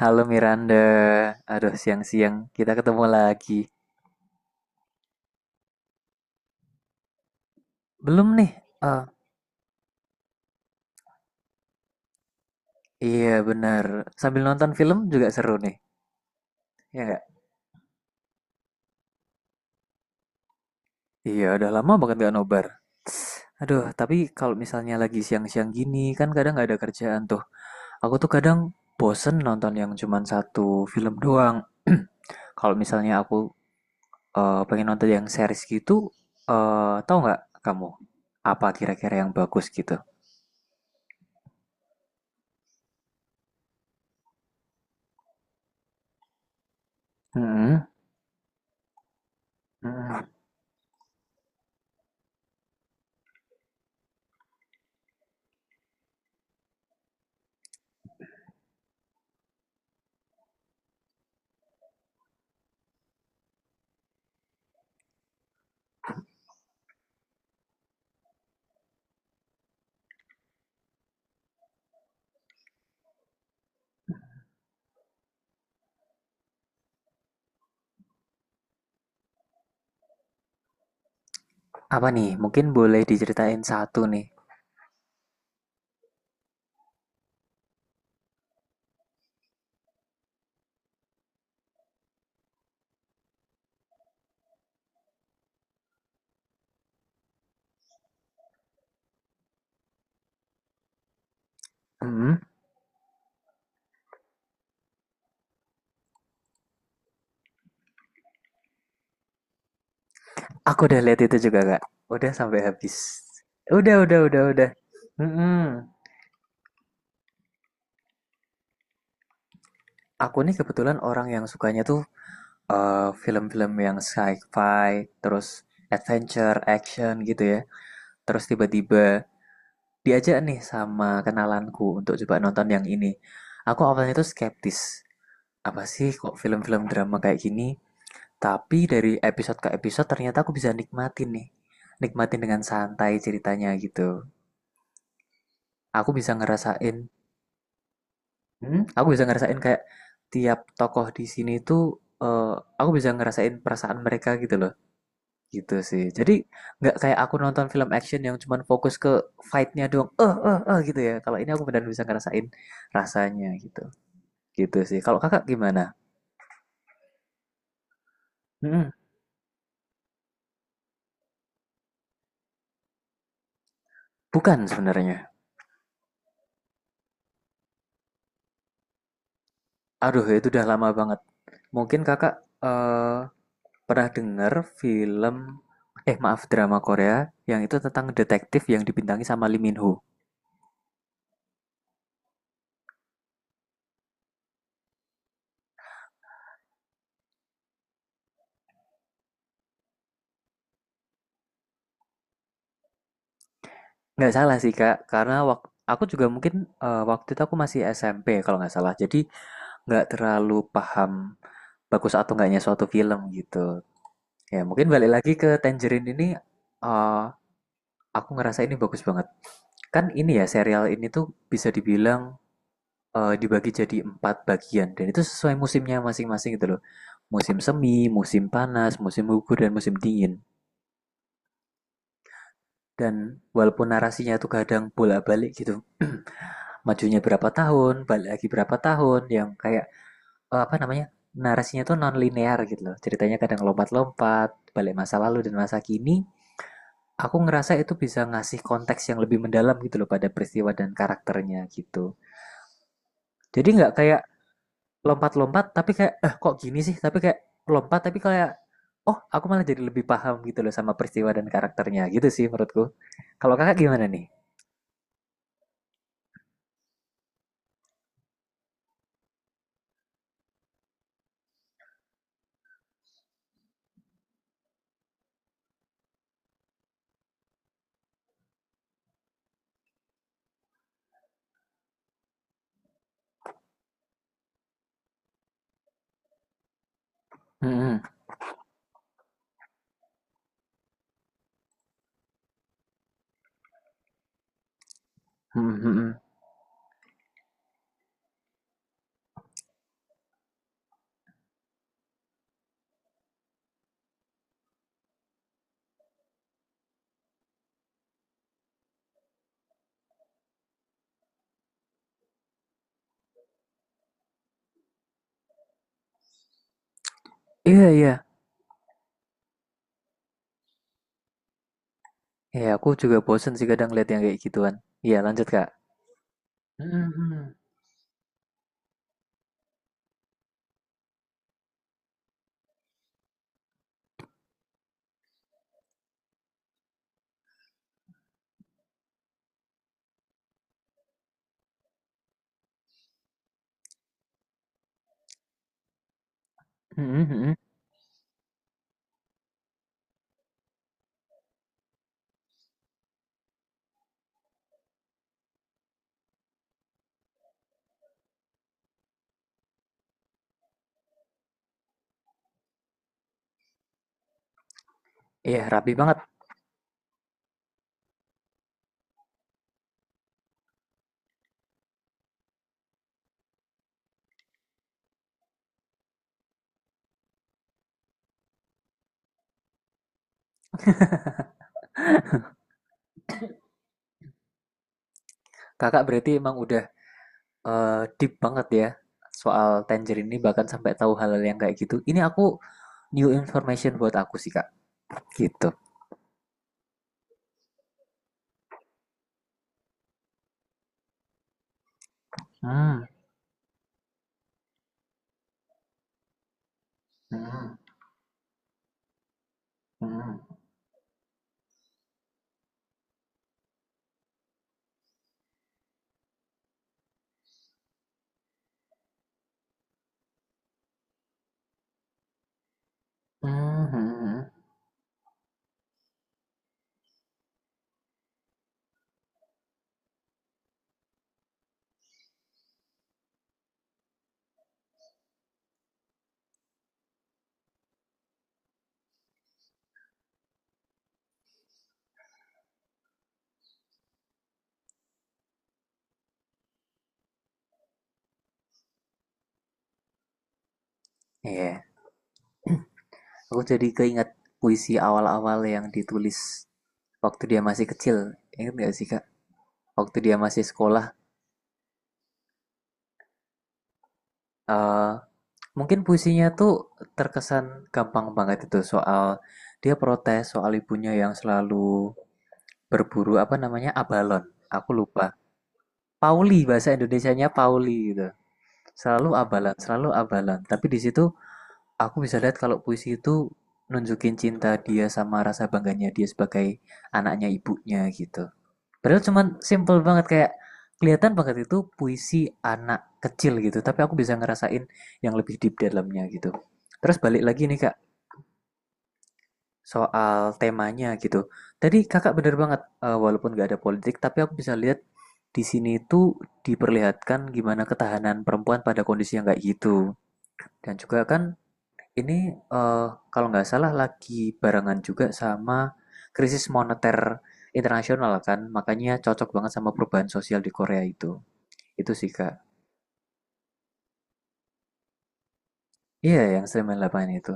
Halo Miranda, aduh siang-siang kita ketemu lagi. Belum nih? Eh, iya benar. Sambil nonton film juga seru nih, ya nggak? Iya, udah lama banget gak nobar. Tss, aduh, tapi kalau misalnya lagi siang-siang gini kan kadang nggak ada kerjaan tuh. Aku tuh kadang bosen nonton yang cuman satu film doang. Kalau misalnya aku pengen nonton yang series gitu, eh tahu nggak kamu apa kira-kira yang bagus gitu? Mm-mm. Mm-mm. Apa nih? Mungkin boleh diceritain satu nih. Hmm, aku udah lihat itu juga Kak. Udah sampai habis. Udah, udah. Hmm, aku nih kebetulan orang yang sukanya tuh film-film yang sci-fi, terus adventure, action gitu ya. Terus tiba-tiba diajak nih sama kenalanku untuk coba nonton yang ini. Aku awalnya tuh skeptis. Apa sih kok film-film drama kayak gini? Tapi dari episode ke episode ternyata aku bisa nikmatin nih. Nikmatin dengan santai ceritanya gitu. Aku bisa ngerasain, aku bisa ngerasain kayak tiap tokoh di sini tuh eh, aku bisa ngerasain perasaan mereka gitu loh. Gitu sih. Jadi nggak kayak aku nonton film action yang cuman fokus ke fight-nya doang. Eh eh eh gitu ya. Kalau ini aku benar benar bisa ngerasain rasanya gitu. Gitu sih. Kalau kakak gimana? mm Bukan sebenarnya. Aduh, itu udah lama banget. Mungkin kakak eh pernah denger film eh maaf drama Korea yang itu tentang detektif yang dibintangi sama Lee Min Ho. Nggak salah sih Kak, karena aku juga mungkin waktu itu aku masih SMP kalau nggak salah. Jadi nggak terlalu paham bagus atau nggaknya suatu film gitu. Ya mungkin balik lagi ke Tangerine ini, eh, aku ngerasa ini bagus banget. Kan ini ya serial ini tuh bisa dibilang dibagi jadi empat bagian dan itu sesuai musimnya masing-masing gitu loh. Musim semi, musim panas, musim gugur, dan musim dingin. Dan walaupun narasinya tuh kadang bolak-balik gitu, majunya berapa tahun, balik lagi berapa tahun, yang kayak apa namanya, narasinya tuh non linear gitu loh. Ceritanya kadang lompat-lompat, balik masa lalu dan masa kini. Aku ngerasa itu bisa ngasih konteks yang lebih mendalam gitu loh pada peristiwa dan karakternya gitu. Jadi nggak kayak lompat-lompat tapi kayak eh kok gini sih tapi kayak lompat tapi kayak oh aku malah jadi lebih paham gitu loh sama peristiwa dan karakternya gitu sih menurutku. Kalau kakak gimana nih? Mm-mm. Mm-mm. Iya iya, iya aku juga bosen sih kadang lihat yang kayak gituan. Iya lanjut kak. Mm-mm. Mm-mm. Iya rapi banget. Kakak berarti emang udah eh, deep banget ya soal Tangerine ini, bahkan sampai tahu hal-hal yang kayak gitu. Ini aku new information buat aku sih kak gitu. Hmm. Hmm. Hmm. Mhm. Iya, aku jadi keinget puisi awal-awal yang ditulis waktu dia masih kecil. Ingat gak sih, Kak? Waktu dia masih sekolah, eh mungkin puisinya tuh terkesan gampang banget. Itu soal dia protes soal ibunya yang selalu berburu apa namanya abalon. Aku lupa. Pauli bahasa Indonesianya Pauli gitu. Selalu abalon, selalu abalon. Tapi di situ aku bisa lihat kalau puisi itu nunjukin cinta dia sama rasa bangganya dia sebagai anaknya ibunya gitu. Padahal cuman simple banget, kayak kelihatan banget itu puisi anak kecil gitu, tapi aku bisa ngerasain yang lebih deep di dalamnya gitu. Terus balik lagi nih Kak, soal temanya gitu. Tadi Kakak bener banget, eh, walaupun gak ada politik, tapi aku bisa lihat di sini itu diperlihatkan gimana ketahanan perempuan pada kondisi yang kayak gitu. Dan juga kan ini, eee, kalau nggak salah lagi barengan juga sama krisis moneter internasional kan, makanya cocok banget sama perubahan sosial di Korea itu. Itu sih, Kak. Iya, yang 98 itu.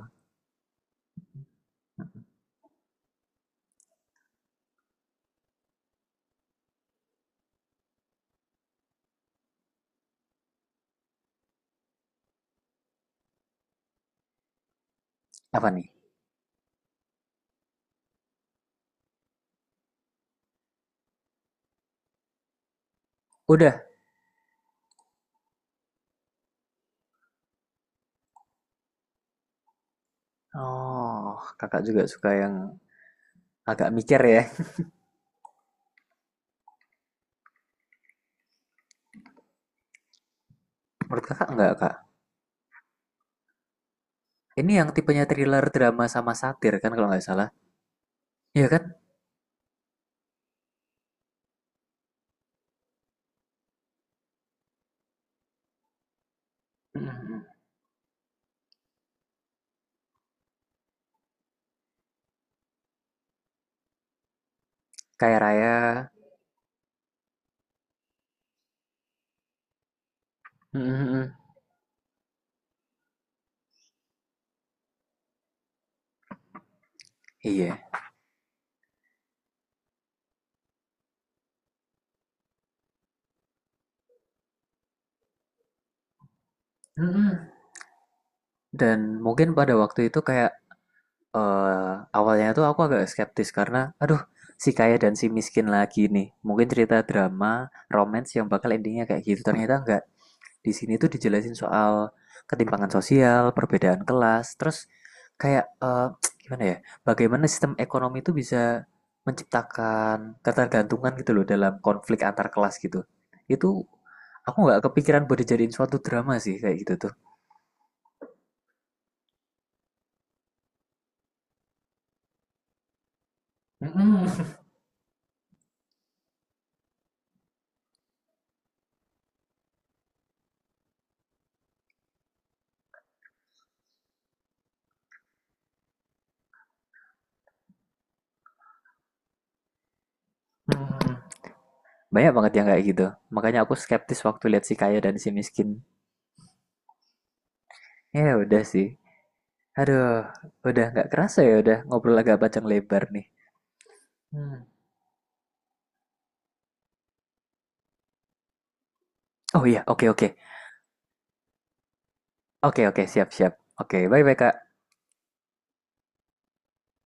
Apa nih? Udah? Oh, Kakak juga suka yang agak mikir ya. Menurut Kakak enggak, Kak? Ini yang tipenya thriller, drama, sama satir kan kalau nggak salah? Iya kan? Mhm, mhm. Kaya raya, mhm mhm, iya, mhm. Dan mungkin pada waktu itu kayak eh awalnya tuh aku agak skeptis karena, aduh, si kaya dan si miskin lagi nih. Mungkin cerita drama, romance yang bakal endingnya kayak gitu. Ternyata enggak. Di sini tuh dijelasin soal ketimpangan sosial, perbedaan kelas, terus kayak gimana ya? Bagaimana sistem ekonomi itu bisa menciptakan ketergantungan gitu loh dalam konflik antar kelas gitu. Itu aku nggak kepikiran buat dijadiin suatu drama sih kayak gitu tuh. Mm-mm. Mm-mm. Banyak banget yang kayak gitu. Makanya aku skeptis waktu lihat si kaya dan si miskin. Ya udah sih. Aduh, udah nggak kerasa ya udah ngobrol agak panjang lebar nih. Hmm. Oh iya, oke oke. Oke oke, siap siap. Oke, bye bye Kak.